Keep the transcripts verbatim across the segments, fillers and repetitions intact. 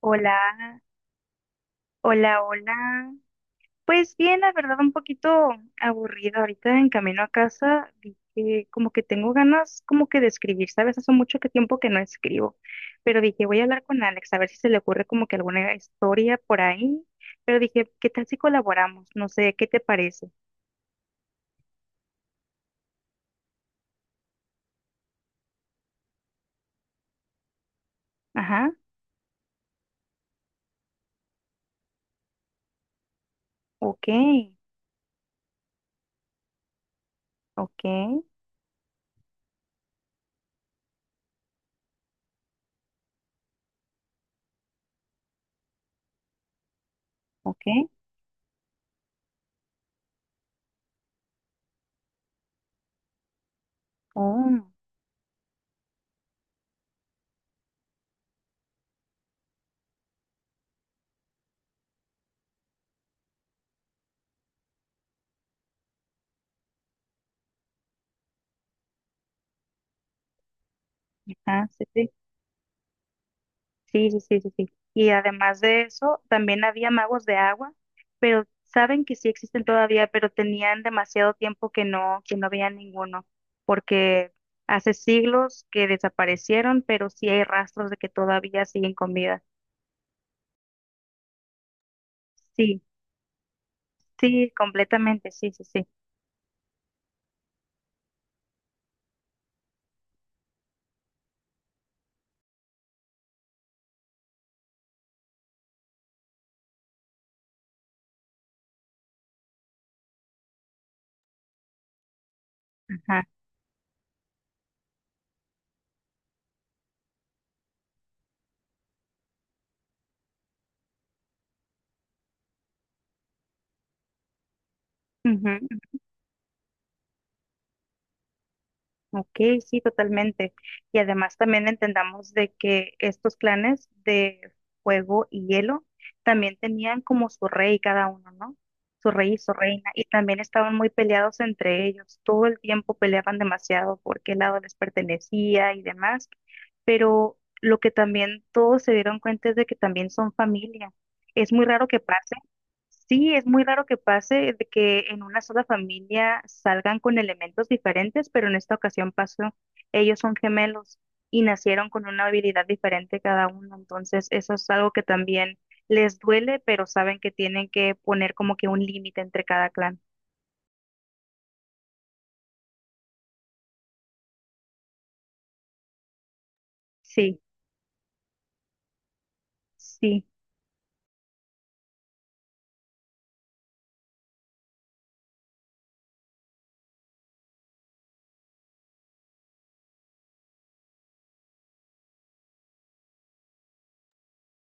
Hola, hola, hola. Pues bien, la verdad, un poquito aburrida. Ahorita en camino a casa vi que como que tengo ganas como que de escribir, ¿sabes? Hace mucho que tiempo que no escribo, pero dije, voy a hablar con Alex a ver si se le ocurre como que alguna historia por ahí. Pero dije, ¿qué tal si colaboramos? No sé, ¿qué te parece? Ajá, ok, ok, ok. Oh, ajá, sí, sí. Sí, sí, sí, sí, sí. Y además de eso, también había magos de agua, pero saben que sí existen todavía, pero tenían demasiado tiempo que no, que no veían ninguno, porque hace siglos que desaparecieron, pero sí hay rastros de que todavía siguen con vida. Sí, sí, completamente, sí, sí, sí. Ajá. Ujú. Ok, sí, totalmente. Y además también entendamos de que estos clanes de fuego y hielo también tenían como su rey cada uno, ¿no? Su rey y su reina. Y también estaban muy peleados entre ellos. Todo el tiempo peleaban demasiado por qué lado les pertenecía y demás. Pero lo que también todos se dieron cuenta es de que también son familia. Es muy raro que pase. Sí, es muy raro que pase de que en una sola familia salgan con elementos diferentes, pero en esta ocasión pasó. Ellos son gemelos y nacieron con una habilidad diferente cada uno, entonces eso es algo que también les duele, pero saben que tienen que poner como que un límite entre cada clan. Sí, sí,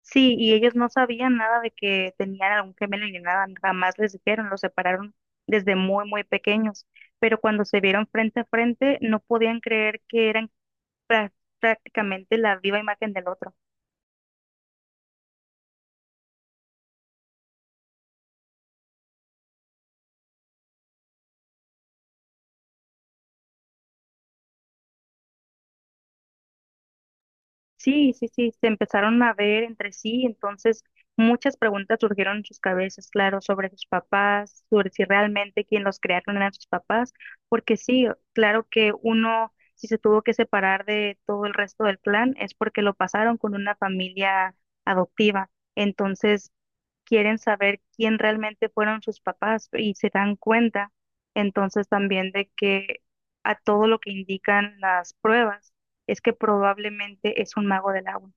sí, y ellos no sabían nada de que tenían algún gemelo ni nada, jamás les dijeron, los separaron desde muy, muy pequeños, pero cuando se vieron frente a frente no podían creer que eran prá- prácticamente la viva imagen del otro. Sí, sí, sí, se empezaron a ver entre sí, entonces muchas preguntas surgieron en sus cabezas, claro, sobre sus papás, sobre si realmente quien los crearon eran sus papás, porque sí, claro que uno, si se tuvo que separar de todo el resto del clan, es porque lo pasaron con una familia adoptiva. Entonces, quieren saber quién realmente fueron sus papás y se dan cuenta entonces también de que a todo lo que indican las pruebas es que probablemente es un mago del agua.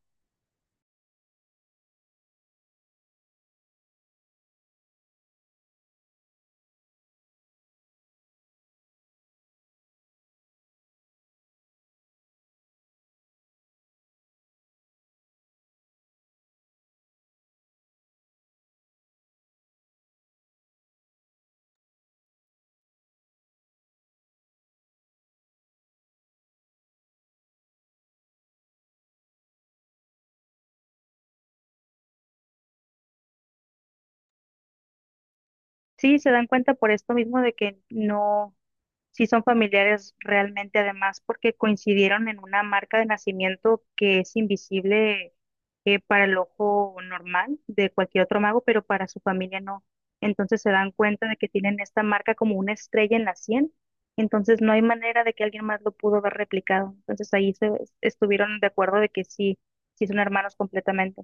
Sí, se dan cuenta por esto mismo de que no. Sí son familiares realmente, además, porque coincidieron en una marca de nacimiento que es invisible eh, para el ojo normal de cualquier otro mago, pero para su familia no. Entonces se dan cuenta de que tienen esta marca como una estrella en la sien, entonces no hay manera de que alguien más lo pudo haber replicado. Entonces ahí se estuvieron de acuerdo de que sí, sí son hermanos completamente.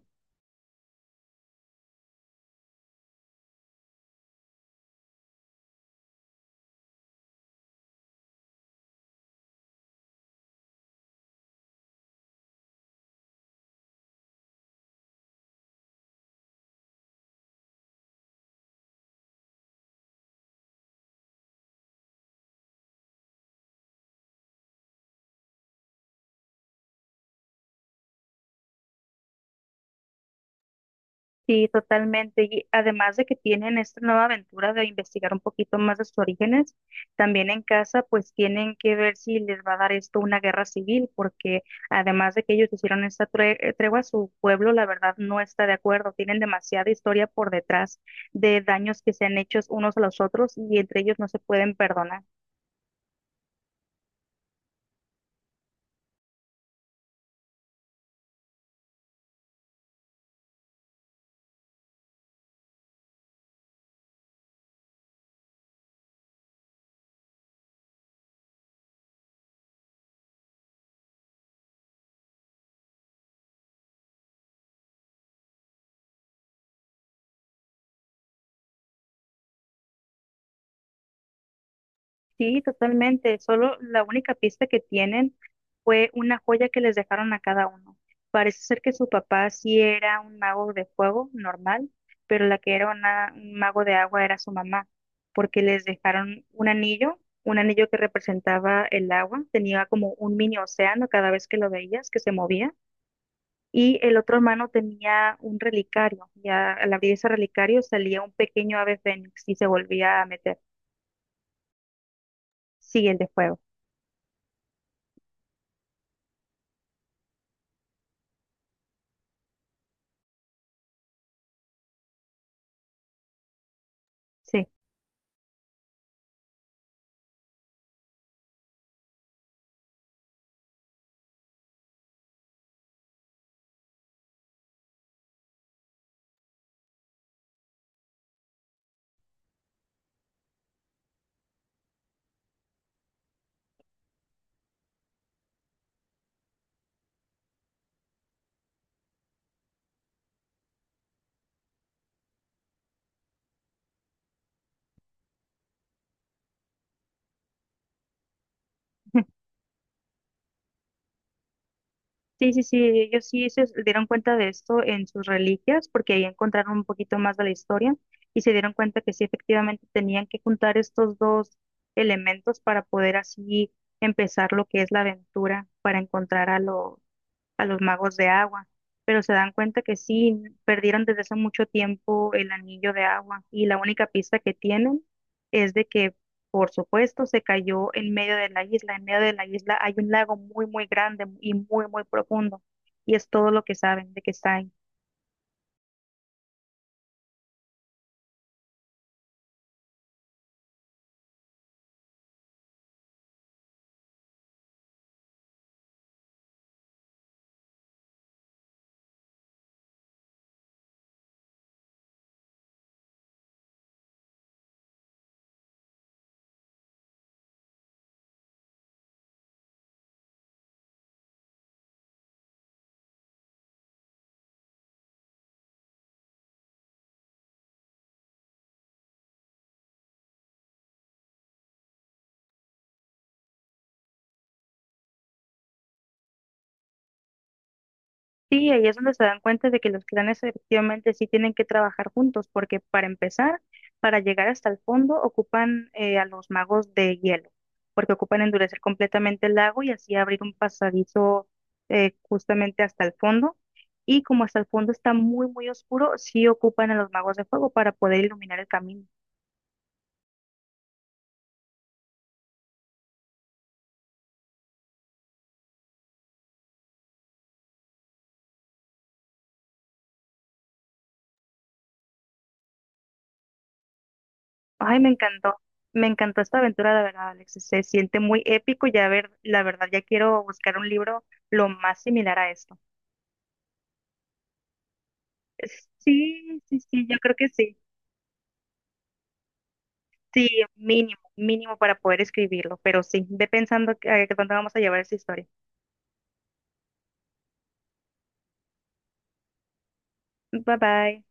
Sí, totalmente. Y además de que tienen esta nueva aventura de investigar un poquito más de sus orígenes, también en casa pues tienen que ver si les va a dar esto una guerra civil, porque además de que ellos hicieron esta tre- eh, tregua, su pueblo la verdad no está de acuerdo. Tienen demasiada historia por detrás de daños que se han hecho unos a los otros y entre ellos no se pueden perdonar. Sí, totalmente. Solo la única pista que tienen fue una joya que les dejaron a cada uno. Parece ser que su papá sí era un mago de fuego normal, pero la que era una- un mago de agua era su mamá, porque les dejaron un anillo, un anillo que representaba el agua, tenía como un mini océano cada vez que lo veías, que se movía, y el otro hermano tenía un relicario, y a- al abrir ese relicario salía un pequeño ave fénix y se volvía a meter. Sí, el de fuego. Sí. Sí, sí, sí, ellos sí se dieron cuenta de esto en sus reliquias, porque ahí encontraron un poquito más de la historia y se dieron cuenta que sí, efectivamente, tenían que juntar estos dos elementos para poder así empezar lo que es la aventura, para encontrar a los, a los magos de agua, pero se dan cuenta que sí, perdieron desde hace mucho tiempo el anillo de agua y la única pista que tienen es de que, por supuesto, se cayó en medio de la isla. En medio de la isla hay un lago muy, muy grande y muy, muy profundo y es todo lo que saben de que está ahí. Sí, ahí es donde se dan cuenta de que los clanes efectivamente sí tienen que trabajar juntos, porque para empezar, para llegar hasta el fondo, ocupan eh, a los magos de hielo, porque ocupan endurecer completamente el lago y así abrir un pasadizo eh, justamente hasta el fondo. Y como hasta el fondo está muy, muy oscuro, sí ocupan a los magos de fuego para poder iluminar el camino. Ay, me encantó, me encantó esta aventura, la verdad, Alex. Se siente muy épico. Ya ver, la verdad, ya quiero buscar un libro lo más similar a este. Sí, sí, sí, yo creo que sí. Sí, mínimo, mínimo para poder escribirlo, pero sí, ve pensando que, a dónde vamos a llevar esa historia. Bye bye.